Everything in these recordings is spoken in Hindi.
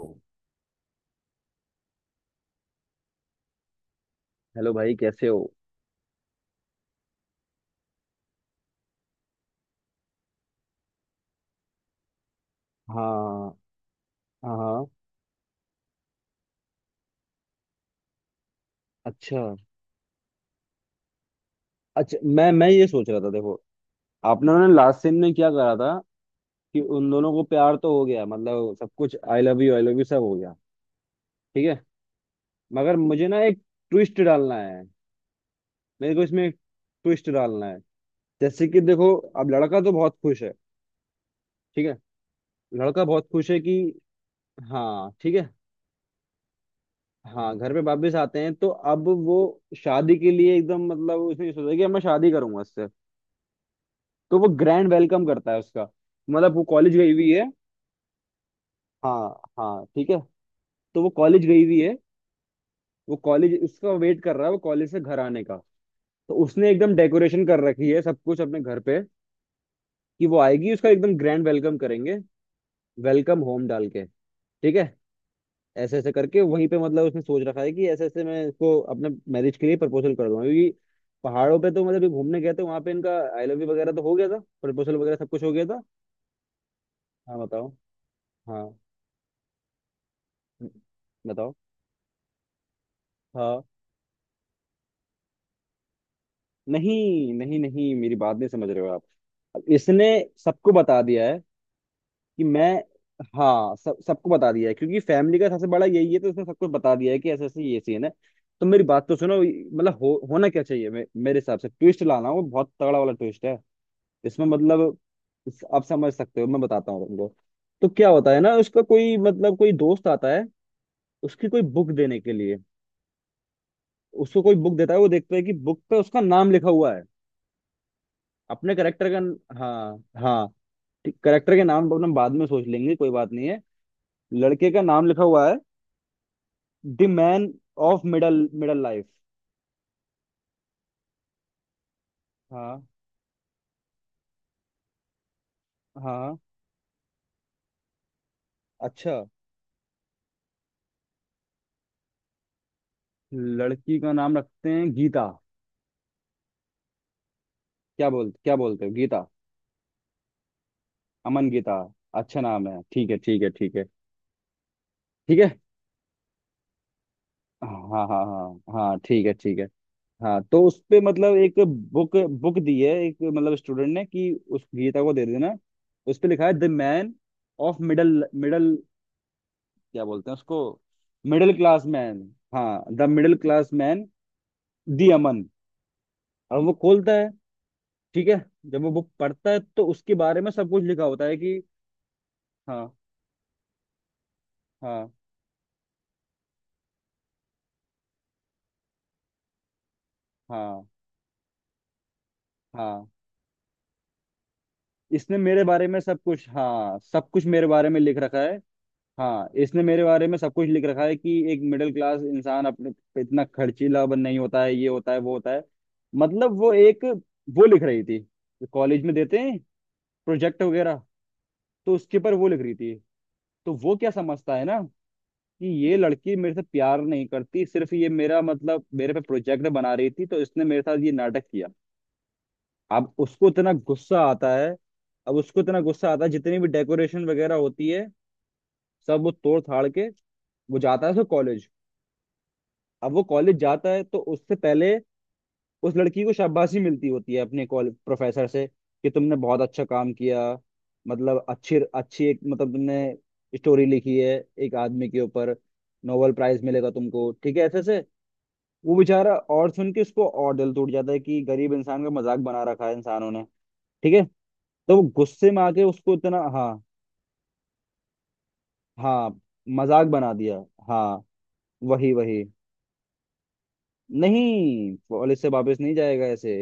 हेलो। भाई कैसे हो? हाँ। हाँ। अच्छा। अच्छा, मैं ये सोच रहा था, देखो, आपने, उन्होंने लास्ट सीन में क्या करा था, कि उन दोनों को प्यार तो हो गया, मतलब सब कुछ। I love you, I love you सब हो गया। ठीक है। मगर मुझे ना एक ट्विस्ट डालना है। मेरे को इसमें एक ट्विस्ट डालना है। जैसे कि देखो, अब लड़का तो बहुत खुश है। ठीक है। लड़का बहुत खुश है कि, हाँ ठीक है। हाँ घर पे वापस आते हैं तो अब वो शादी के लिए एकदम, मतलब उसने ये सोचा कि अब मैं शादी करूंगा इससे। तो वो ग्रैंड वेलकम करता है उसका, मतलब वो कॉलेज गई हुई है। हाँ। हाँ, ठीक है। तो वो कॉलेज गई हुई है। वो कॉलेज, उसका वेट कर रहा है वो कॉलेज से घर आने का। तो उसने एकदम डेकोरेशन कर रखी है सब कुछ अपने घर पे, कि वो आएगी उसका एकदम ग्रैंड वेलकम करेंगे, वेलकम होम डाल के। ठीक है। ऐसे ऐसे करके वहीं पे, मतलब उसने सोच रखा है कि ऐसे ऐसे मैं इसको अपने मैरिज के लिए प्रपोजल कर दूंगा, क्योंकि पहाड़ों पे तो मतलब ये घूमने गए थे, वहां पे इनका आई लव यू वगैरह तो हो गया था, प्रपोजल वगैरह सब कुछ हो गया था। हाँ बताओ। हाँ बताओ। हाँ। नहीं, नहीं, नहीं, मेरी बात नहीं समझ रहे हो आप। अब इसने सबको बता दिया है कि मैं, हाँ सब सबको बता दिया है, क्योंकि फैमिली का सबसे बड़ा यही है तो इसने सबको बता दिया है कि ऐसे ऐसे ये सीन है। तो मेरी बात तो सुनो, मतलब होना क्या चाहिए, मेरे हिसाब से ट्विस्ट लाना वो बहुत तगड़ा वाला ट्विस्ट है इसमें, मतलब आप समझ सकते हो, मैं बताता हूँ तुमको। तो क्या होता है ना, उसका कोई, मतलब कोई दोस्त आता है उसकी कोई बुक देने के लिए। उसको कोई बुक देता है, वो देखता है कि बुक पे उसका नाम लिखा हुआ है, अपने करेक्टर का। हाँ। हाँ। ठीक, करेक्टर के नाम अपन बाद में सोच लेंगे, कोई बात नहीं है। लड़के का नाम लिखा हुआ है, the man of middle middle life. हाँ। हाँ। अच्छा, लड़की का नाम रखते हैं गीता। क्या बोलते हो, गीता? अमन गीता। अच्छा नाम है। ठीक है, ठीक है, ठीक है, ठीक है। हाँ, हाँ, हाँ, हाँ ठीक है, ठीक है। हाँ, तो उस पे, मतलब एक बुक बुक दी है एक, मतलब स्टूडेंट ने कि उस गीता को दे देना। उस पे लिखा है the man of middle middle, क्या बोलते हैं उसको, मिडिल क्लास मैन। हाँ, the middle class man, the अमन। अब वो खोलता है। ठीक है। जब वो बुक पढ़ता है तो उसके बारे में सब कुछ लिखा होता है कि, हाँ, हाँ, हाँ, हाँ इसने मेरे बारे में सब कुछ, हाँ सब कुछ मेरे बारे में लिख रखा है। हाँ इसने मेरे बारे में सब कुछ लिख रखा है, कि एक मिडिल क्लास इंसान अपने पे इतना खर्चीला बन नहीं होता है, ये होता है, वो होता है। मतलब वो एक, वो लिख रही थी, कॉलेज में देते हैं प्रोजेक्ट वगैरह, तो उसके ऊपर वो लिख रही थी। तो वो क्या समझता है ना, कि ये लड़की मेरे से प्यार नहीं करती, सिर्फ ये मेरा, मतलब मेरे पे प्रोजेक्ट बना रही थी, तो इसने मेरे साथ ये नाटक किया। अब उसको इतना गुस्सा आता है। अब उसको इतना गुस्सा आता है, जितनी भी डेकोरेशन वगैरह होती है सब वो तोड़ थाड़ के वो जाता है उसको कॉलेज। अब वो कॉलेज जाता है, तो उससे पहले उस लड़की को शाबाशी मिलती होती है अपने कॉलेज प्रोफेसर से कि तुमने बहुत अच्छा काम किया, मतलब अच्छी अच्छी एक, मतलब तुमने स्टोरी लिखी है एक आदमी के ऊपर, नोबेल प्राइज मिलेगा तुमको, ठीक है ऐसे से। वो बेचारा और सुन के उसको और दिल टूट जाता है कि गरीब इंसान का मजाक बना रखा है इंसानों ने। ठीक है। तो वो गुस्से में आके उसको इतना, हाँ, हाँ मजाक बना दिया। हाँ, वही वही। नहीं, कॉलेज से वापस नहीं जाएगा ऐसे,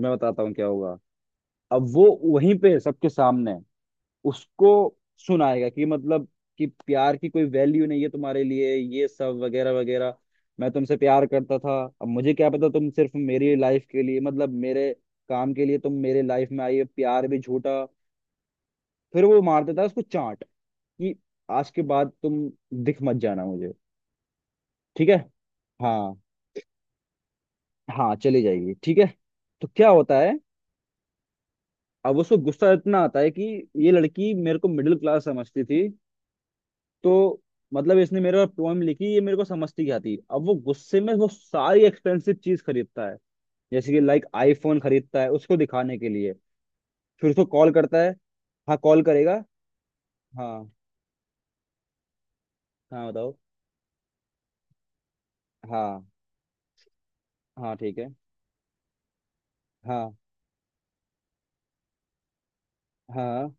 मैं बताता हूँ क्या होगा। अब वो वहीं पे सबके सामने उसको सुनाएगा कि, मतलब कि प्यार की कोई वैल्यू नहीं है तुम्हारे लिए, ये सब वगैरह वगैरह। मैं तुमसे प्यार करता था, अब मुझे क्या पता तुम सिर्फ मेरी लाइफ के लिए, मतलब मेरे काम के लिए तुम मेरे लाइफ में आई हो, प्यार भी झूठा। फिर वो मार देता है उसको चांट, कि आज के बाद तुम दिख मत जाना मुझे। ठीक है। हाँ। हाँ, चली जाएगी। ठीक है। तो क्या होता है, अब उसको गुस्सा इतना आता है कि ये लड़की मेरे को मिडिल क्लास समझती थी, तो मतलब इसने मेरे पर पोएम लिखी, ये मेरे को समझती क्या थी। अब वो गुस्से में वो सारी एक्सपेंसिव चीज खरीदता है, जैसे कि लाइक आईफोन खरीदता है उसको दिखाने के लिए। फिर उसको कॉल करता है। हाँ, कॉल करेगा। हाँ। हाँ बताओ। हाँ। हाँ ठीक है। हाँ, हाँ, हाँ,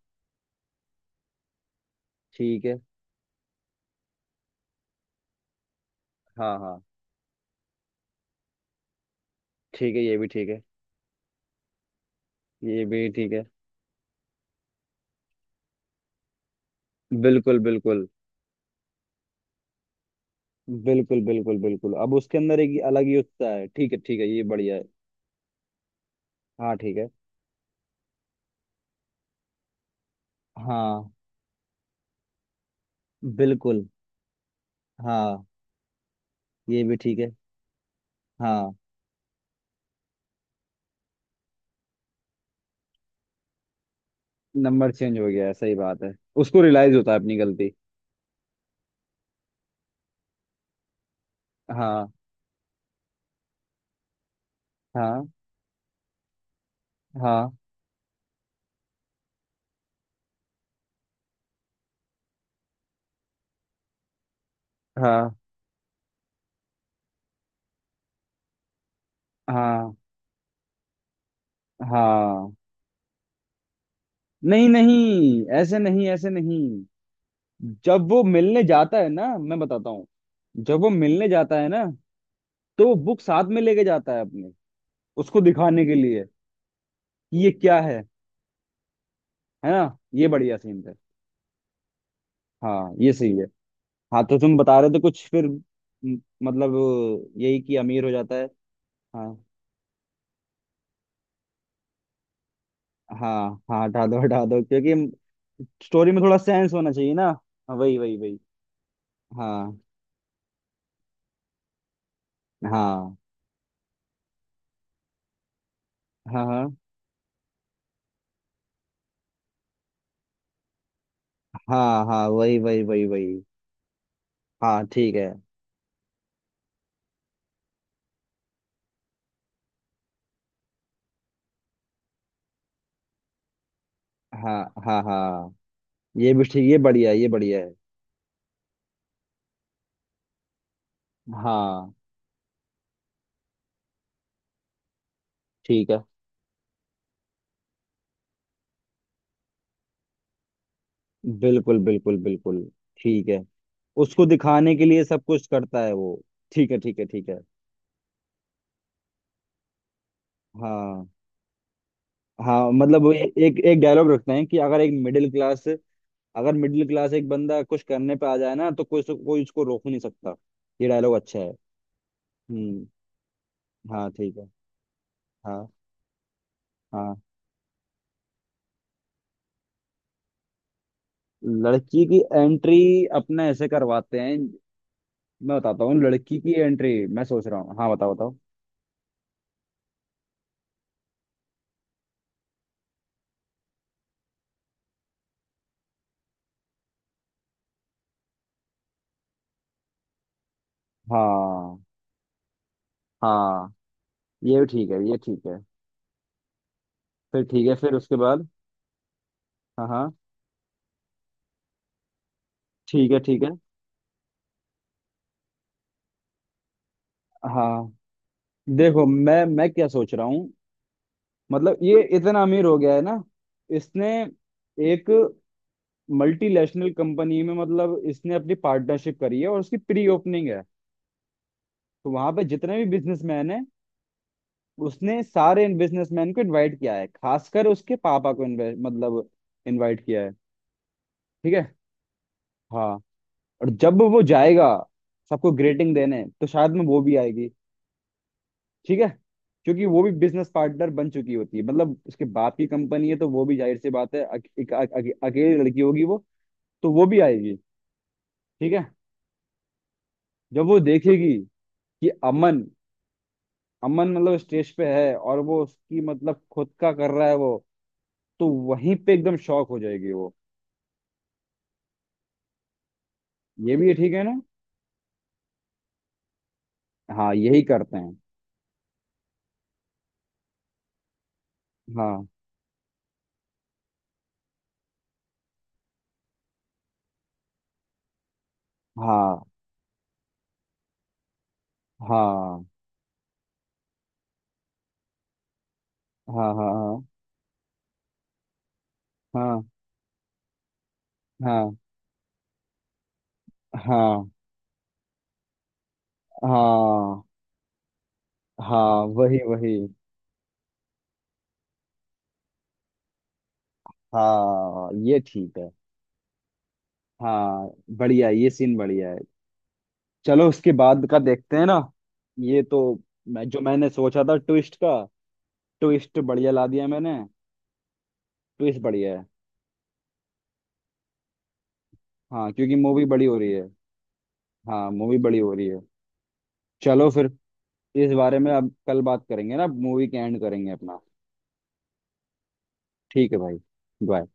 ठीक है। हाँ। हाँ ठीक है। ये भी ठीक है। ये भी ठीक है। बिल्कुल, बिल्कुल, बिल्कुल, बिल्कुल, बिल्कुल अब उसके अंदर एक अलग ही उत्साह है। ठीक है, ठीक है, ये बढ़िया है। हाँ ठीक है। हाँ बिल्कुल। हाँ ये भी ठीक है। हाँ, नंबर चेंज हो गया है, सही बात है। उसको रियलाइज होता है अपनी गलती। हाँ, हाँ, हाँ, हाँ, हाँ, हाँ। नहीं, नहीं, ऐसे नहीं, ऐसे नहीं। जब वो मिलने जाता है ना, मैं बताता हूँ। जब वो मिलने जाता है ना, तो वो बुक साथ में लेके जाता है अपने, उसको दिखाने के लिए कि ये क्या है। है ना, ये बढ़िया सीन है। हाँ ये सही है। हाँ, तो तुम बता रहे थे कुछ फिर मतलब यही कि अमीर हो जाता है। हाँ। हाँ, हाँ, हटा दो, हटा दो, क्योंकि स्टोरी में थोड़ा सेंस होना चाहिए ना। हाँ, वही, वही, वही। हाँ, हाँ, हाँ, हाँ, हाँ, हाँ वही, वही, वही, वही। हाँ ठीक है। हाँ, हाँ, हाँ, ये भी ठीक, ये बढ़िया है, ये बढ़िया है। हाँ ठीक है। बिल्कुल, बिल्कुल, बिल्कुल। ठीक है। उसको दिखाने के लिए सब कुछ करता है वो। ठीक है, ठीक है, ठीक है। हाँ, हाँ मतलब वो एक एक डायलॉग रखते हैं कि अगर एक मिडिल क्लास, अगर मिडिल क्लास एक बंदा कुछ करने पे आ जाए ना, तो कोई कोई उसको रोक नहीं सकता। ये डायलॉग अच्छा है। हम्म। हाँ ठीक है। हाँ, हाँ। लड़की की एंट्री अपने ऐसे करवाते हैं, मैं बताता हूँ। लड़की की एंट्री मैं सोच रहा हूँ, हाँ बताओ, बताओ। हाँ। हाँ ये भी ठीक है, ये ठीक है। फिर ठीक है, फिर उसके बाद, हाँ, हाँ, ठीक है, ठीक है। हाँ देखो, मैं क्या सोच रहा हूँ, मतलब ये इतना अमीर हो गया है ना, इसने एक मल्टीनेशनल कंपनी में, मतलब इसने अपनी पार्टनरशिप करी है और उसकी प्री ओपनिंग है। तो वहां पे जितने भी बिजनेसमैन हैं, उसने सारे इन बिजनेसमैन को इनवाइट किया है, खासकर उसके पापा को मतलब इनवाइट किया है। ठीक है। हाँ। और जब वो जाएगा सबको ग्रेटिंग देने, तो शायद में वो भी आएगी। ठीक है, क्योंकि वो भी बिजनेस पार्टनर बन चुकी होती है, मतलब उसके बाप की कंपनी है, तो वो भी, जाहिर सी बात है, अकेली लड़की होगी वो। तो वो भी आएगी। ठीक है। जब वो देखेगी कि अमन अमन मतलब स्टेज पे है और वो उसकी, मतलब खुद का कर रहा है वो, तो वहीं पे एकदम शॉक हो जाएगी वो। ये भी ठीक है ना। हाँ, यही करते हैं। हाँ, हाँ, हाँ, हाँ, हाँ, हाँ, हाँ, हाँ, हाँ, हाँ, वही, वही। हाँ ये ठीक है। हाँ बढ़िया है, ये सीन बढ़िया है। चलो उसके बाद का देखते हैं ना। ये तो, मैं जो मैंने सोचा था ट्विस्ट का, ट्विस्ट बढ़िया ला दिया मैंने। ट्विस्ट बढ़िया है। हाँ, क्योंकि मूवी बड़ी हो रही है। हाँ, मूवी बड़ी हो रही है। चलो फिर इस बारे में अब कल बात करेंगे ना, मूवी के एंड करेंगे अपना। ठीक है भाई। बाय।